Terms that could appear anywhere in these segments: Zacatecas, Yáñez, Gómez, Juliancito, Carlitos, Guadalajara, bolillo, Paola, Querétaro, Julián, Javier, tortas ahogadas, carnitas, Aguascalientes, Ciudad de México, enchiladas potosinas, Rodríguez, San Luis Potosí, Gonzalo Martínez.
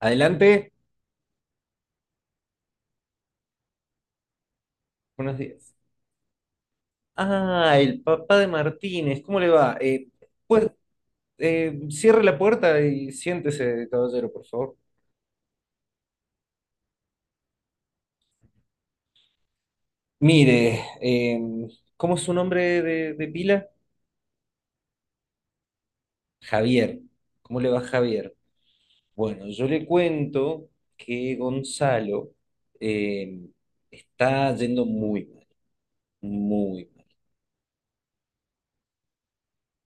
Adelante. Buenos días. Ah, el papá de Martínez, ¿cómo le va? Pues cierre la puerta y siéntese, caballero, por favor. Mire, ¿cómo es su nombre de pila? Javier. ¿Cómo le va Javier? Bueno, yo le cuento que Gonzalo eh, está yendo muy mal, muy.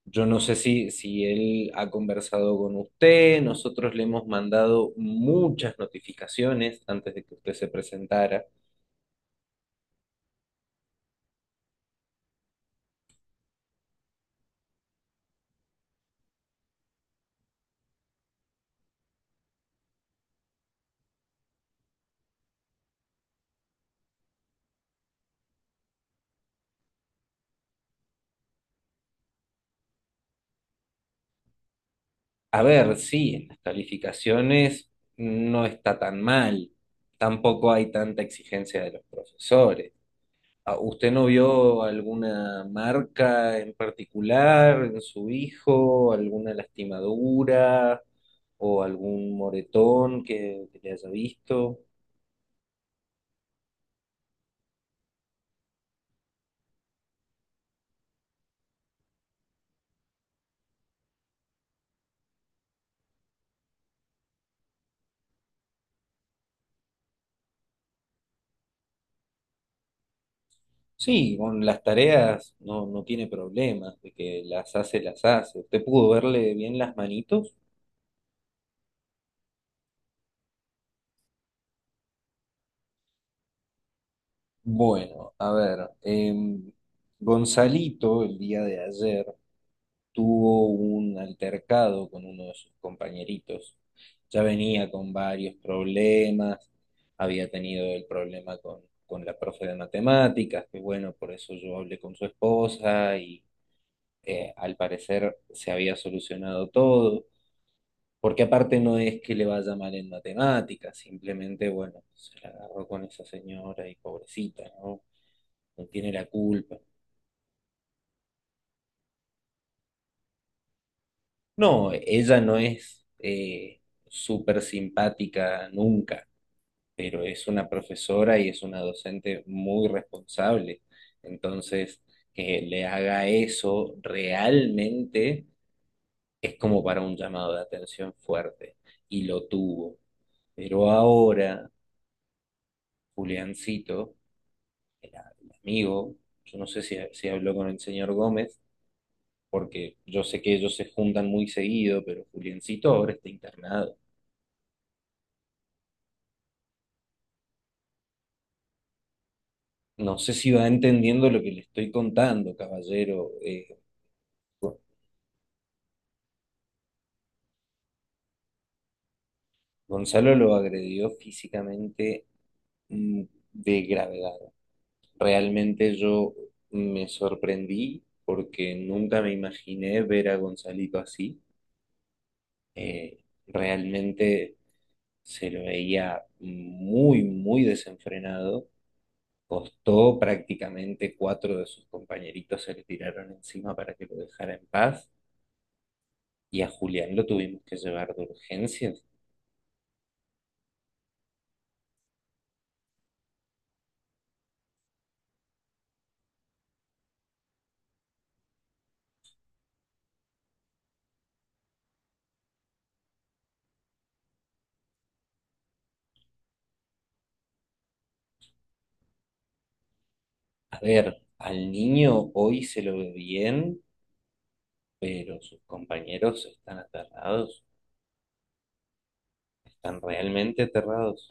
Yo no sé si él ha conversado con usted, nosotros le hemos mandado muchas notificaciones antes de que usted se presentara. A ver, sí, en las calificaciones no está tan mal, tampoco hay tanta exigencia de los profesores. Ah, ¿usted no vio alguna marca en particular en su hijo, alguna lastimadura o algún moretón que le haya visto? Sí, con las tareas no, no tiene problemas, de que las hace, las hace. ¿Usted pudo verle bien las manitos? Bueno, a ver, Gonzalito el día de ayer tuvo un altercado con uno de sus compañeritos. Ya venía con varios problemas, había tenido el problema con la profe de matemáticas, que bueno, por eso yo hablé con su esposa y al parecer se había solucionado todo. Porque aparte no es que le vaya mal en matemáticas, simplemente, bueno, se la agarró con esa señora y pobrecita, ¿no? No tiene la culpa. No, ella no es súper simpática nunca, pero es una profesora y es una docente muy responsable. Entonces, que le haga eso realmente es como para un llamado de atención fuerte. Y lo tuvo. Pero ahora, Juliancito el, el amigo, yo no sé si habló con el señor Gómez, porque yo sé que ellos se juntan muy seguido, pero Juliancito ahora está internado. No sé si va entendiendo lo que le estoy contando, caballero. Go- Gonzalo lo agredió físicamente, mm, de gravedad. Realmente yo me sorprendí porque nunca me imaginé ver a Gonzalito así. Eh, realmente se lo veía muy, muy desenfrenado. Costó prácticamente cuatro de sus compañeritos se le tiraron encima para que lo dejara en paz y a Julián lo tuvimos que llevar de urgencias. A ver, al niño hoy se lo ve bien, pero sus compañeros están aterrados, están realmente aterrados.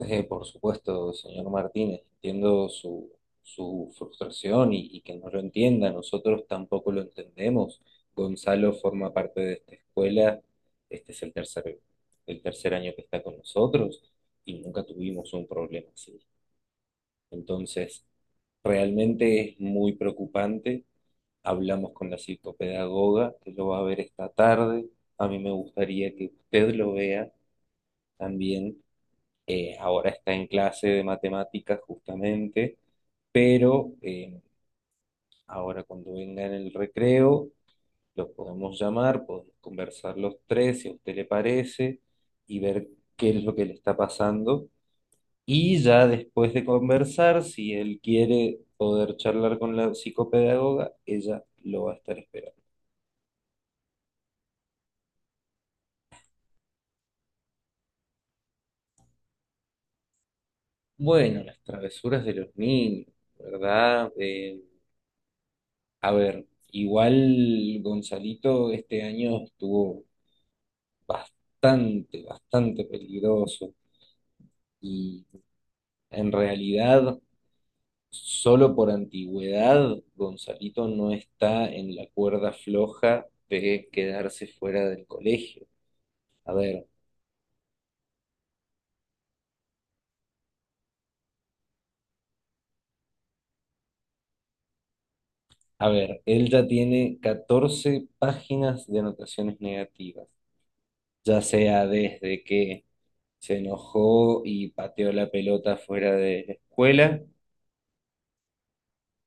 Por supuesto, señor Martínez, entiendo su frustración y que no lo entienda, nosotros tampoco lo entendemos. Gonzalo forma parte de esta escuela, este es el tercer año que está con nosotros y nunca tuvimos un problema así. Entonces, realmente es muy preocupante. Hablamos con la psicopedagoga que lo va a ver esta tarde. A mí me gustaría que usted lo vea también. Ahora está en clase de matemáticas justamente, pero ahora cuando venga en el recreo, lo podemos llamar, podemos conversar los tres, si a usted le parece, y ver qué es lo que le está pasando. Y ya después de conversar, si él quiere poder charlar con la psicopedagoga, ella lo va a estar esperando. Bueno, las travesuras de los niños, ¿verdad? A ver, igual Gonzalito este año estuvo bastante, bastante peligroso. Y en realidad, solo por antigüedad, Gonzalito no está en la cuerda floja de quedarse fuera del colegio. A ver, a ver, él ya tiene 14 páginas de anotaciones negativas, ya sea desde que se enojó y pateó la pelota fuera de la escuela,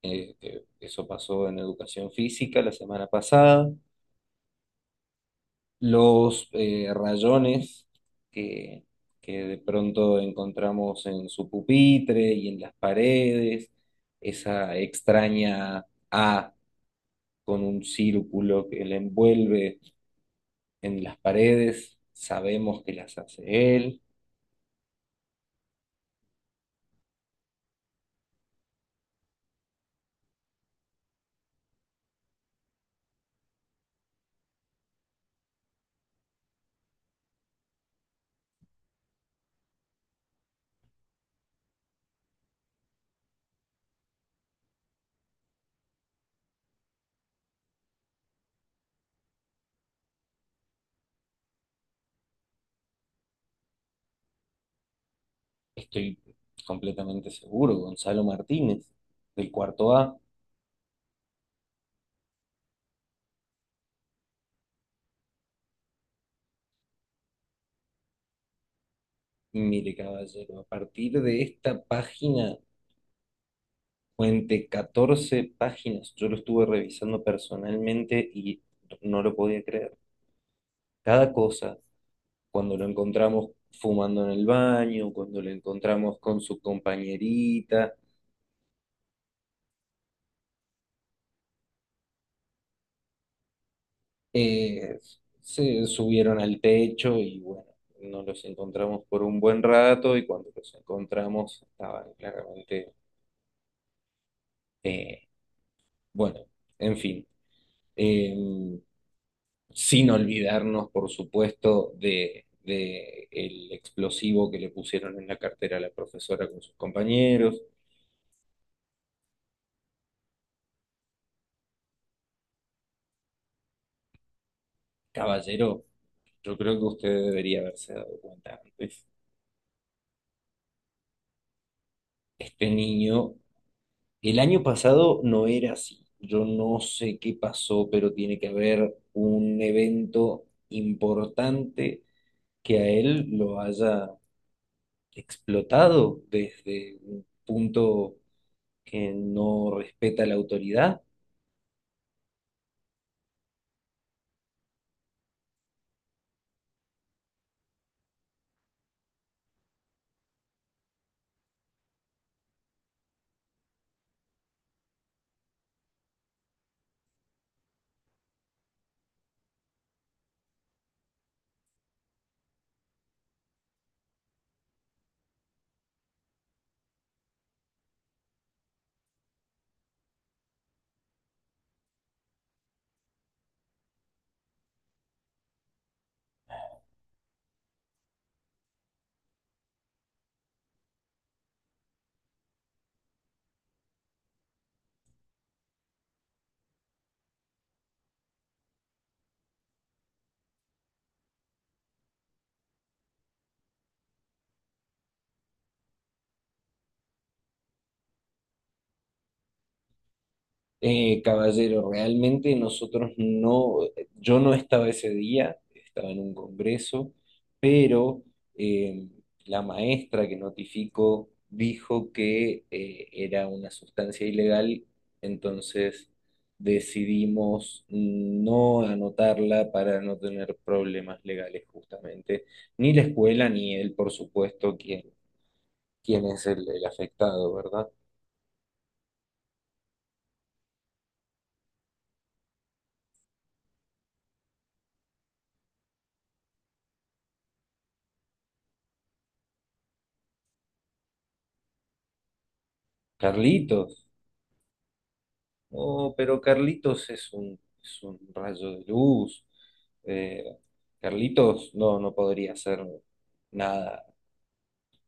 que eso pasó en educación física la semana pasada. Los rayones que, que de pronto encontramos en su pupitre y en las paredes, esa extraña A con un círculo que le envuelve en las paredes, sabemos que las hace él. Estoy completamente seguro, Gonzalo Martínez, del cuarto A. Mire, caballero, a partir de esta página. Fuente 14 páginas. Yo lo estuve revisando personalmente y no lo podía creer. Cada cosa, cuando lo encontramos fumando en el baño, cuando lo encontramos con su compañerita, eh, se subieron al techo y bueno, no los encontramos por un buen rato y cuando los encontramos estaban claramente, eh, bueno, en fin. Eh, sin olvidarnos, por supuesto, de el explosivo que le pusieron en la cartera a la profesora con sus compañeros. Caballero, yo creo que usted debería haberse dado cuenta antes. Este niño, el año pasado no era así. Yo no sé qué pasó, pero tiene que haber un evento importante que a él lo haya explotado desde un punto que no respeta la autoridad. Caballero, realmente nosotros no, yo no estaba ese día, estaba en un congreso, pero eh, la maestra que notificó dijo que era una sustancia ilegal, entonces decidimos no anotarla para no tener problemas legales justamente, ni la escuela ni él, por supuesto, quien es el afectado, ¿verdad? Carlitos. Oh, pero Carlitos es es un rayo de luz. Eh, Carlitos no, no podría hacer nada,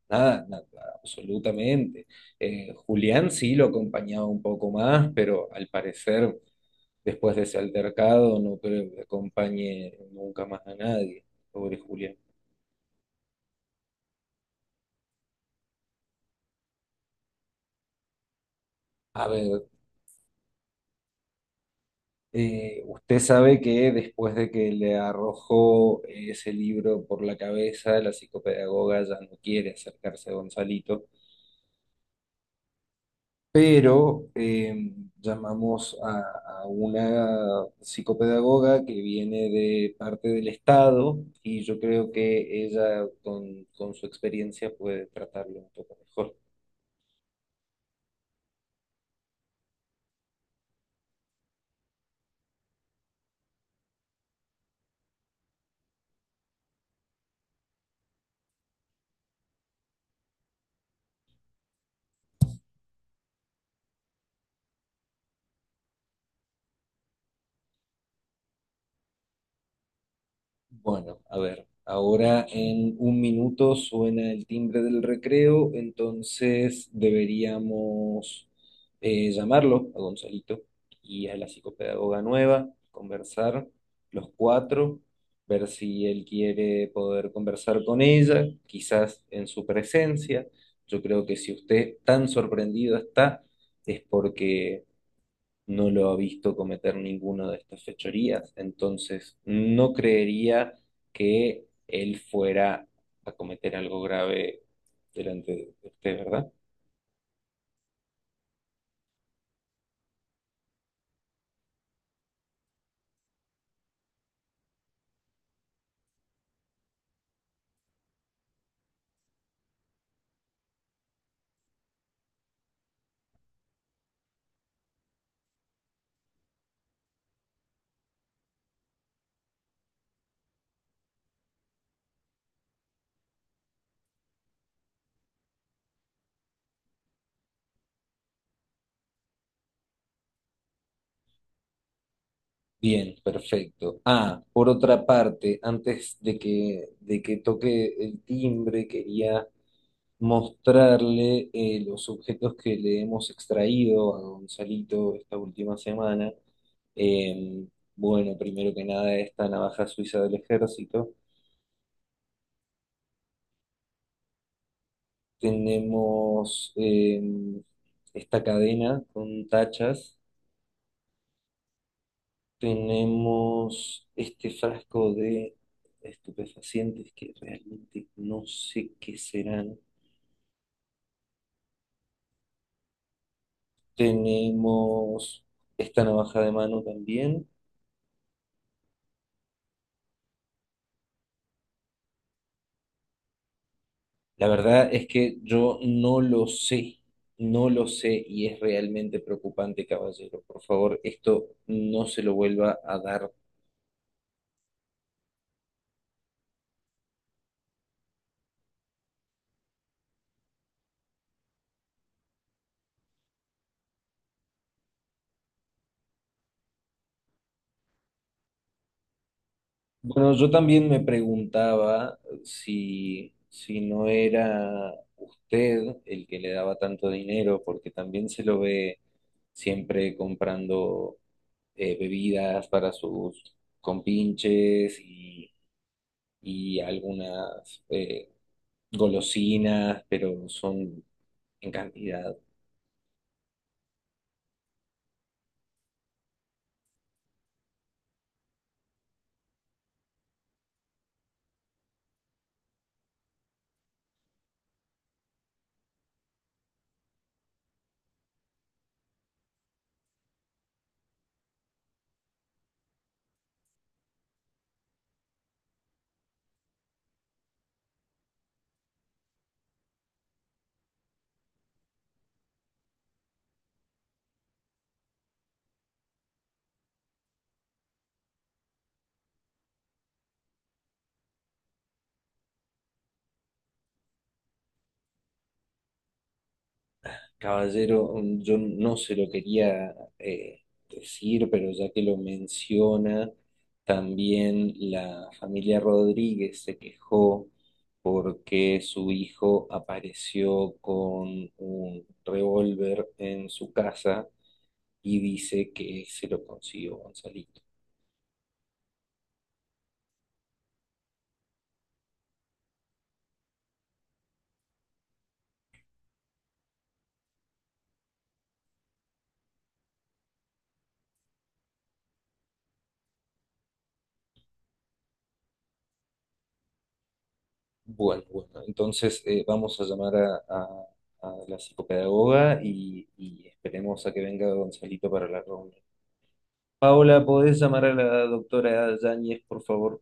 nada, nada, absolutamente. Julián sí lo acompañaba un poco más, pero al parecer, después de ese altercado, no creo que acompañe nunca más a nadie. Pobre Julián. A ver, usted sabe que después de que le arrojó ese libro por la cabeza, la psicopedagoga ya no quiere acercarse a Gonzalito, pero llamamos a una psicopedagoga que viene de parte del Estado y yo creo que ella con su experiencia puede tratarlo un poco mejor. Bueno, a ver, ahora en un minuto suena el timbre del recreo, entonces deberíamos llamarlo a Gonzalito y a la psicopedagoga nueva, conversar los cuatro, ver si él quiere poder conversar con ella, quizás en su presencia. Yo creo que si usted tan sorprendido está, es porque no lo ha visto cometer ninguna de estas fechorías, entonces no creería que él fuera a cometer algo grave delante de usted, ¿verdad? Bien, perfecto. Ah, por otra parte, de que toque el timbre, quería mostrarle los objetos que le hemos extraído a Gonzalito esta última semana. Em, bueno, primero que nada, esta navaja suiza del ejército, tenemos esta cadena con tachas, tenemos este frasco de estupefacientes que realmente no sé qué serán, tenemos esta navaja de mano también. La verdad es que yo no lo sé, no lo sé y es realmente preocupante, caballero. Por favor, esto no se lo vuelva a dar. Bueno, yo también me preguntaba si no era usted el que le daba tanto dinero, porque también se lo ve siempre comprando bebidas para sus compinches y algunas golosinas, pero son en cantidad. Caballero, yo no se lo quería decir, pero ya que lo menciona, también la familia Rodríguez se quejó porque su hijo apareció con un revólver en su casa y dice que se lo consiguió Gonzalito. Bueno, bueno, entonces vamos a llamar a la psicopedagoga y esperemos a que venga Gonzalito para la reunión. Paola, ¿podés llamar a la doctora Yáñez, por favor?